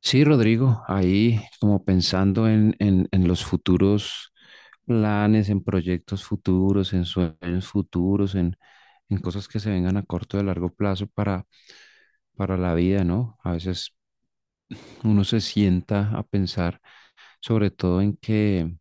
Sí, Rodrigo, ahí como pensando en los futuros planes, en proyectos futuros, en sueños futuros, en cosas que se vengan a corto y a largo plazo para la vida, ¿no? A veces uno se sienta a pensar sobre todo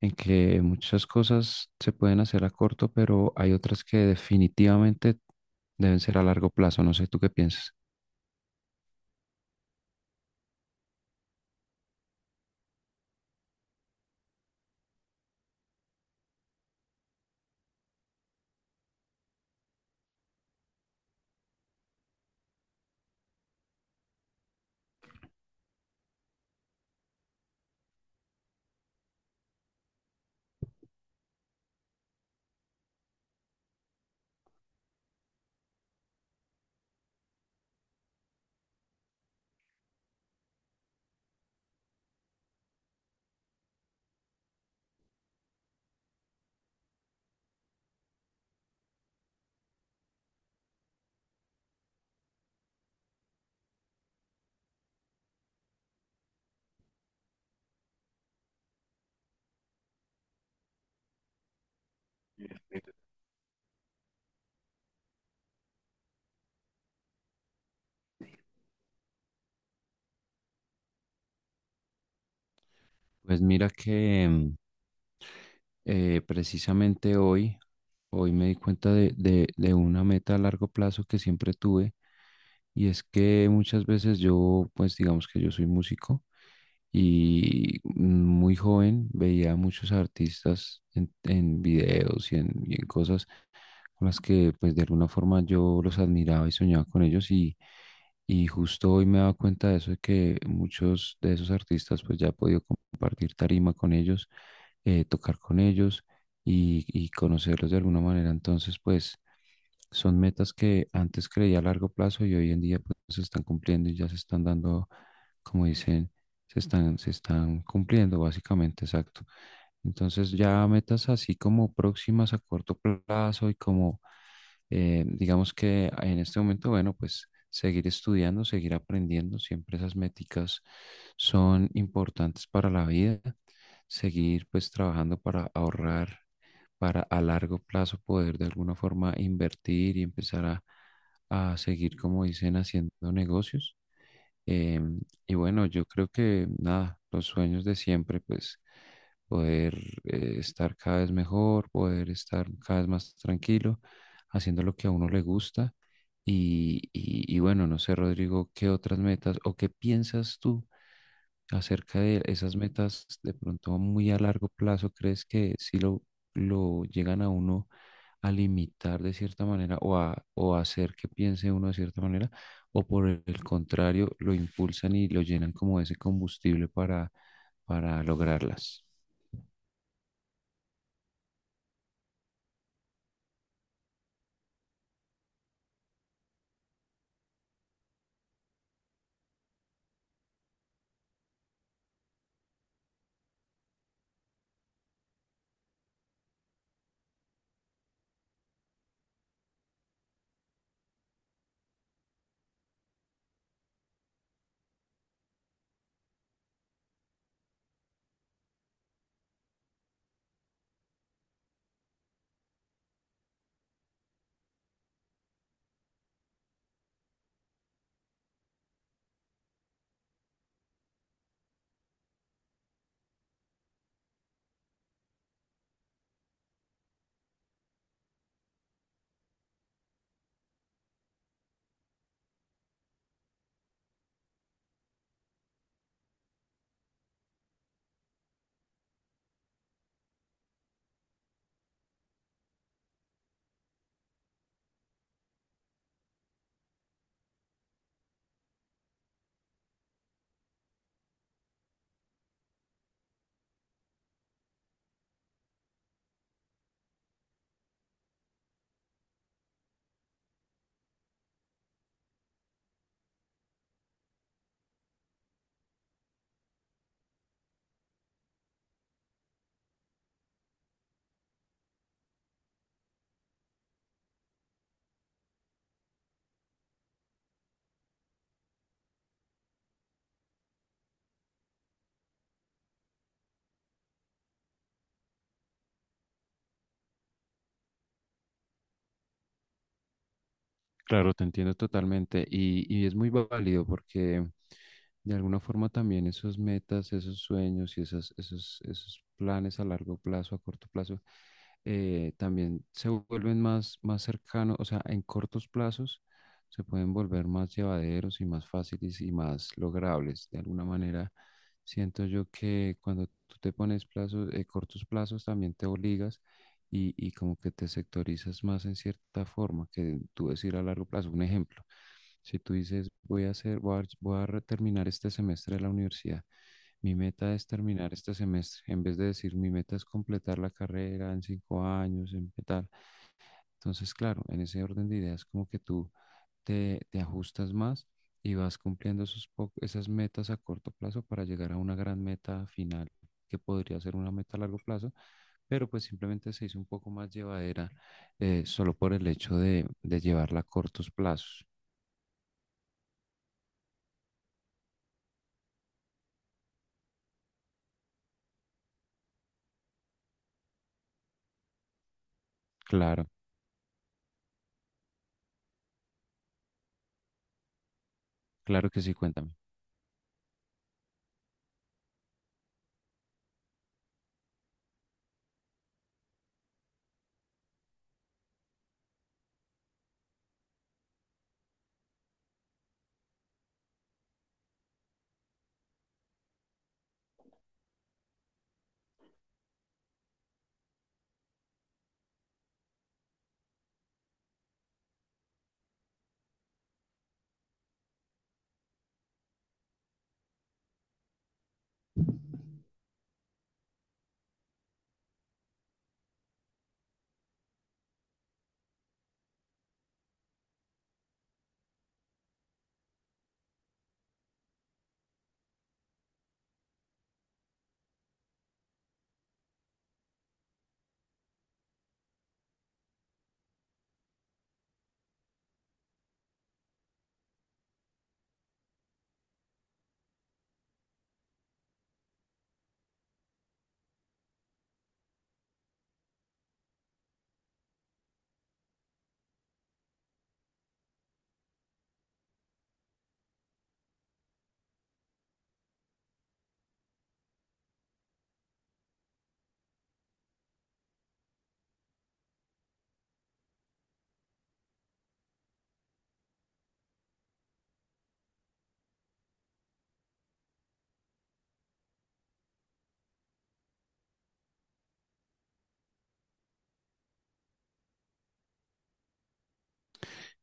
en que muchas cosas se pueden hacer a corto, pero hay otras que definitivamente deben ser a largo plazo. No sé, ¿tú qué piensas? Pues mira que precisamente hoy me di cuenta de una meta a largo plazo que siempre tuve, y es que muchas veces yo, pues digamos que yo soy músico, y muy joven veía a muchos artistas en videos y en cosas con las que pues de alguna forma yo los admiraba y soñaba con ellos, y justo hoy me he dado cuenta de eso, de que muchos de esos artistas pues ya he podido compartir tarima con ellos, tocar con ellos y conocerlos de alguna manera. Entonces pues son metas que antes creía a largo plazo y hoy en día pues se están cumpliendo y ya se están dando, como dicen, se están cumpliendo básicamente, exacto. Entonces ya metas así como próximas a corto plazo y como digamos que en este momento, bueno, pues seguir estudiando, seguir aprendiendo, siempre esas métricas son importantes para la vida. Seguir pues trabajando para ahorrar, para a largo plazo poder de alguna forma invertir y empezar a seguir, como dicen, haciendo negocios. Em, y bueno, yo creo que nada, los sueños de siempre, pues poder estar cada vez mejor, poder estar cada vez más tranquilo, haciendo lo que a uno le gusta. Y bueno, no sé, Rodrigo, ¿qué otras metas o qué piensas tú? Acerca de esas metas de pronto muy a largo plazo, ¿crees que si lo llegan a uno a limitar de cierta manera, o a hacer que piense uno de cierta manera? ¿O por el contrario, lo impulsan y lo llenan como ese combustible para lograrlas? Claro, te entiendo totalmente, y es muy válido porque de alguna forma también esos metas, esos sueños y esos planes a largo plazo, a corto plazo, también se vuelven más cercanos, o sea, en cortos plazos se pueden volver más llevaderos y más fáciles y más logrables. De alguna manera, siento yo que cuando tú te pones plazos, cortos plazos, también te obligas y como que te sectorizas más en cierta forma que tú decir a largo plazo. Un ejemplo. Si tú dices, voy a hacer, voy a, voy a terminar este semestre de la universidad, mi meta es terminar este semestre, en vez de decir, mi meta es completar la carrera en 5 años, en tal. Entonces, claro, en ese orden de ideas, como que tú te ajustas más y vas cumpliendo esas metas a corto plazo para llegar a una gran meta final, que podría ser una meta a largo plazo, pero pues simplemente se hizo un poco más llevadera solo por el hecho de llevarla a cortos plazos. Claro, claro que sí, cuéntame.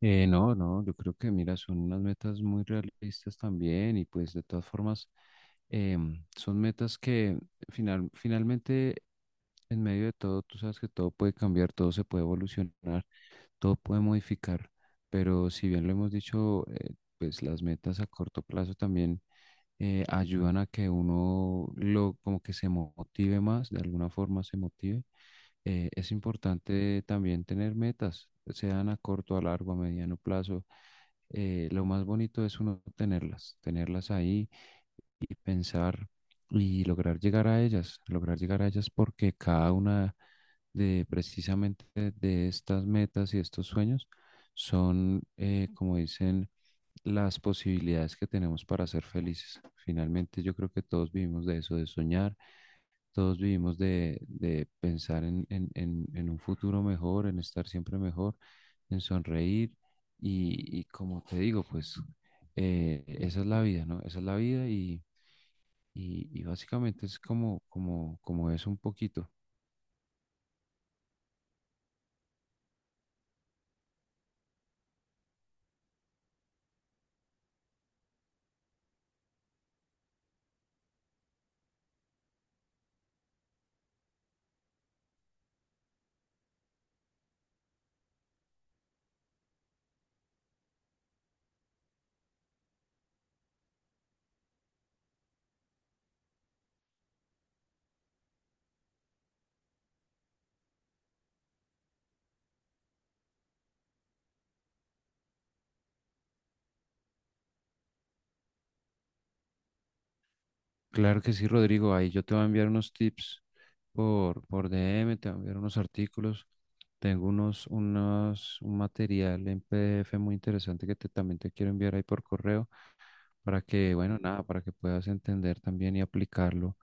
No, no, yo creo que mira, son unas metas muy realistas también y pues de todas formas, son metas que finalmente, en medio de todo, tú sabes que todo puede cambiar, todo se puede evolucionar, todo puede modificar, pero si bien lo hemos dicho, pues las metas a corto plazo también ayudan a que uno lo como que se motive más, de alguna forma se motive. Eh, es importante también tener metas, sean a corto, a largo, a mediano plazo. Lo más bonito es uno tenerlas, tenerlas ahí y pensar y lograr llegar a ellas, lograr llegar a ellas porque cada una, de precisamente de estas metas y estos sueños son, como dicen, las posibilidades que tenemos para ser felices. Finalmente, yo creo que todos vivimos de eso, de soñar, todos vivimos de pensar en un futuro mejor, en estar siempre mejor, en sonreír, y como te digo, pues, esa es la vida, ¿no? Esa es la vida, y básicamente es como es un poquito. Claro que sí, Rodrigo, ahí yo te voy a enviar unos tips por DM, te voy a enviar unos artículos. Tengo un material en PDF muy interesante, también te quiero enviar ahí por correo para que, bueno, nada, para que puedas entender también y aplicarlo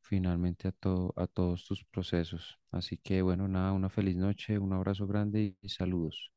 finalmente a todos tus procesos. Así que, bueno, nada, una feliz noche, un abrazo grande y saludos.